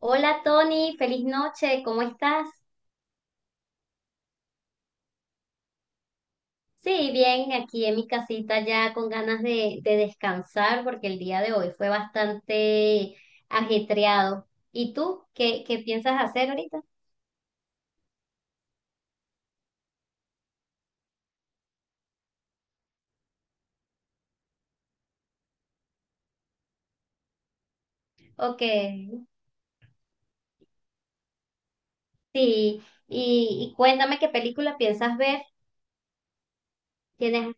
Hola Tony, feliz noche, ¿cómo estás? Sí, bien, aquí en mi casita ya con ganas de descansar porque el día de hoy fue bastante ajetreado. ¿Y tú qué, qué piensas hacer ahorita? Ok, sí, y, y cuéntame qué película piensas ver. ¿Tienes?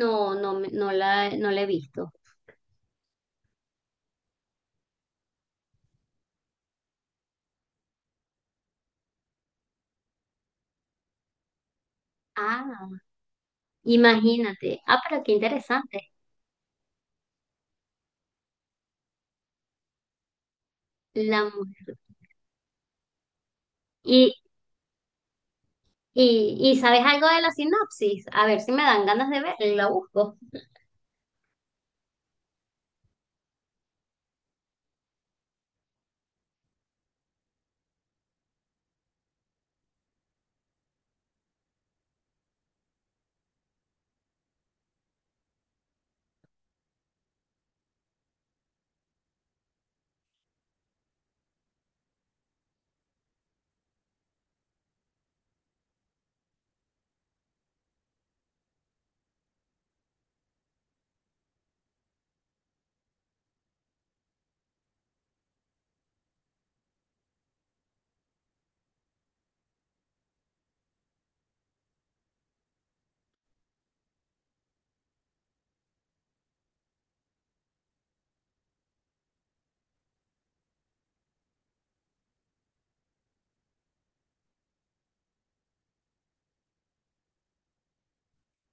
No, no, no no la he visto. Ah, imagínate. Ah, pero qué interesante. La mujer. Y, ¿Y sabes algo de la sinopsis? A ver si me dan ganas de verla y la busco.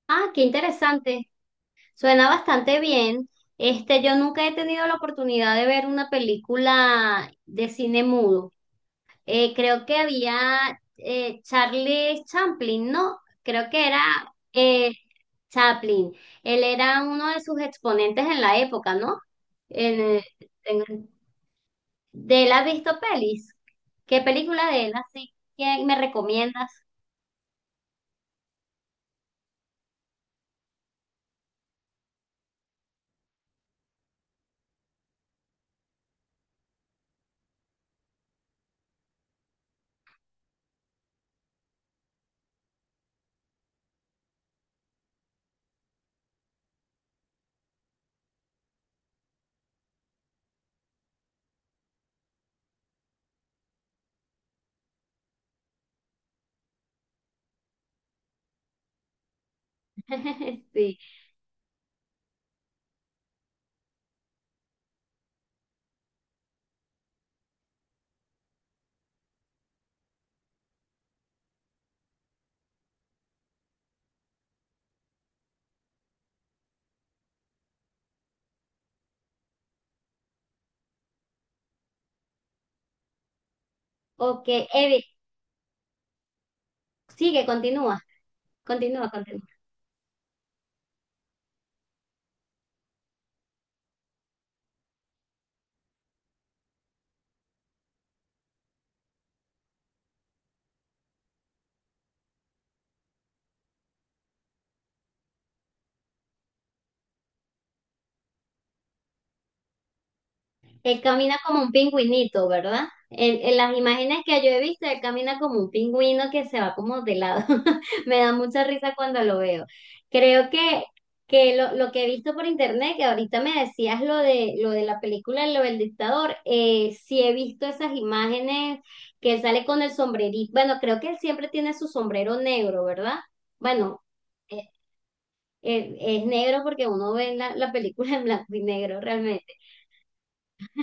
Ah, qué interesante. Suena bastante bien. Este, yo nunca he tenido la oportunidad de ver una película de cine mudo. Creo que había Charlie Chaplin, ¿no? Creo que era eh, Chaplin. Él era uno de sus exponentes en la época, ¿no? En- eh, en- ¿De él has visto pelis? ¿Qué película de él así que me recomiendas? Sí. Ok, Evi, sigue, continúa, continúa, continúa. Él camina como un pingüinito, ¿verdad? En las imágenes que yo he visto, él camina como un pingüino que se va como de lado. Me da mucha risa cuando lo veo. Creo que, lo que he visto por internet, que ahorita me decías lo de la película, lo del dictador, sí he visto esas imágenes que él sale con el sombrerito. Bueno, creo que él siempre tiene su sombrero negro, ¿verdad? Bueno, eh, es negro porque uno ve la película en blanco y negro realmente.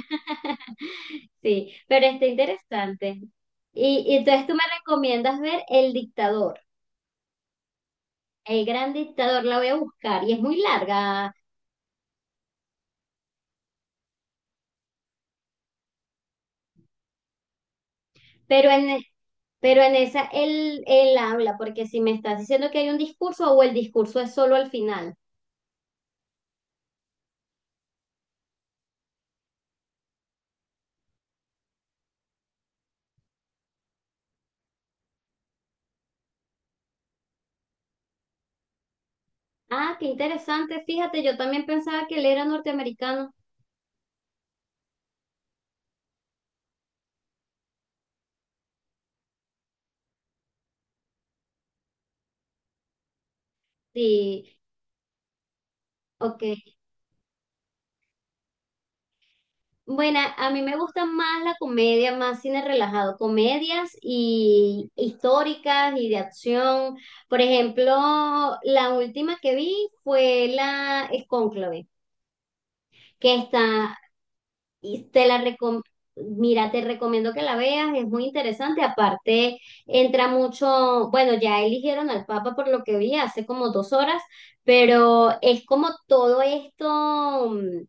Sí, pero está interesante. Y entonces tú me recomiendas ver El Dictador, El Gran Dictador, la voy a buscar y es muy larga, pero en, e, pero en esa él, él habla, porque si me estás diciendo que hay un discurso o el discurso es solo al final. Ah, qué interesante, fíjate, yo también pensaba que él era norteamericano. Sí, ok. Bueno, a mí me gusta más la comedia, más cine relajado, comedias y históricas y de acción. Por ejemplo, la última que vi fue la es Cónclave, que está, y te la recom- mira, te recomiendo que la veas, es muy interesante. Aparte, entra mucho, bueno, ya eligieron al Papa por lo que vi hace como dos horas, pero es como todo esto.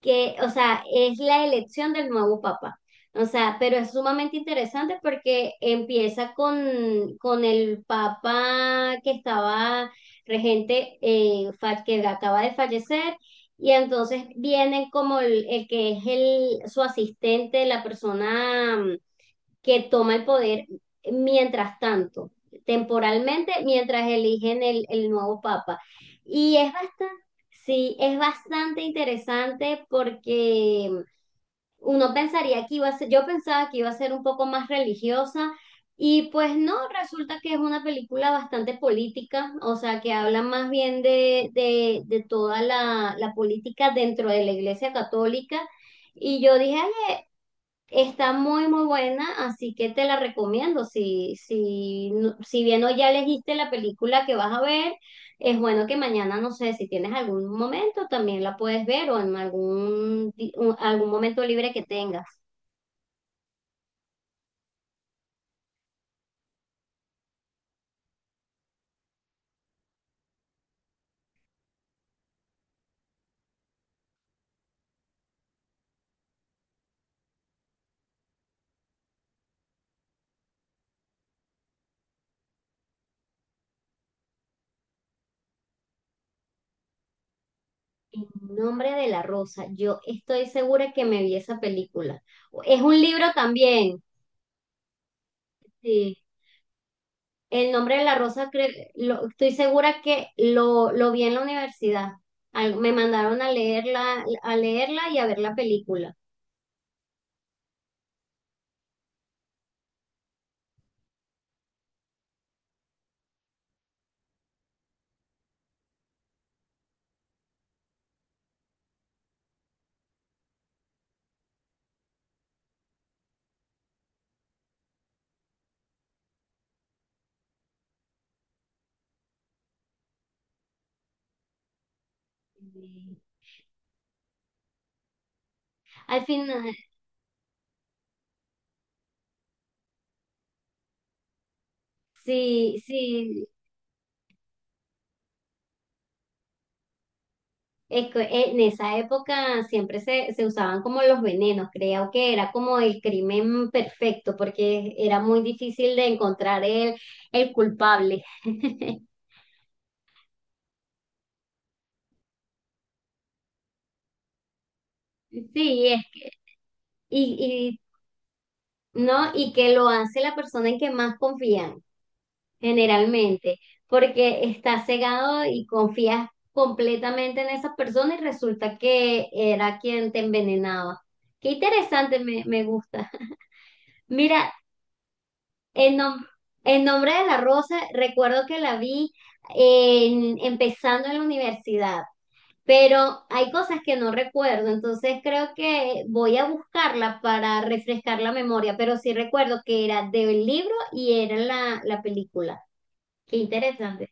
Que, o sea, es la elección del nuevo papa. O sea, pero es sumamente interesante porque empieza con el papa que estaba regente, que acaba de fallecer, y entonces vienen como el que es el, su asistente, la persona que toma el poder mientras tanto, temporalmente, mientras eligen el nuevo papa. Y es bastante, sí, es bastante interesante porque uno pensaría que iba a ser, yo pensaba que iba a ser un poco más religiosa. Y pues no, resulta que es una película bastante política, o sea, que habla más bien de toda la, la política dentro de la Iglesia Católica. Y yo dije, ay, está muy, muy buena, así que te la recomiendo. Si, si bien hoy ya elegiste la película que vas a ver, es bueno que mañana, no sé, si tienes algún momento, también la puedes ver o en algún momento libre que tengas. En nombre de la rosa, yo estoy segura que me vi esa película. Es un libro también. Sí. El nombre de la rosa, estoy segura que lo vi en la universidad. Me mandaron a leerla y a ver la película. Al final, sí, sí, es que en esa época siempre se usaban como los venenos, creo que era como el crimen perfecto, porque era muy difícil de encontrar el culpable. Sí, y, ¿no? Y que lo hace la persona en que más confían, generalmente, porque estás cegado y confías completamente en esa persona y resulta que era quien te envenenaba. Qué interesante, me gusta. Mira, en, nom- en nombre de la rosa, recuerdo que la vi empezando en la universidad, pero hay cosas que no recuerdo, entonces creo que voy a buscarla para refrescar la memoria, pero sí recuerdo que era del libro y era la, la película. Qué interesante.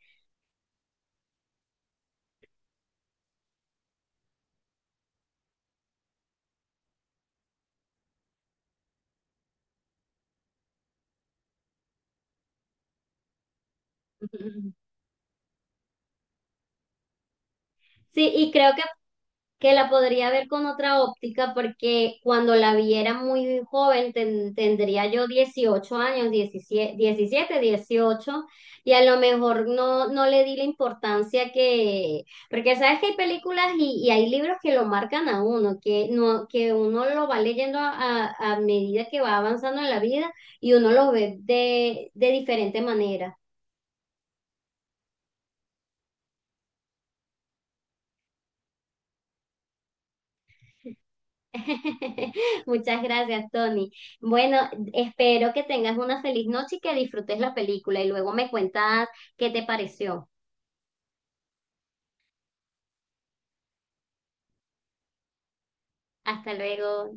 Sí, y creo que la podría ver con otra óptica porque cuando la viera muy joven tendría yo 18 años, 17, 18 y a lo mejor no, no le di la importancia que, porque sabes que hay películas y hay libros que lo marcan a uno, que, no, que uno lo va leyendo a medida que va avanzando en la vida y uno lo ve de diferente manera. Muchas gracias, Tony. Bueno, espero que tengas una feliz noche y que disfrutes la película y luego me cuentas qué te pareció. Hasta luego.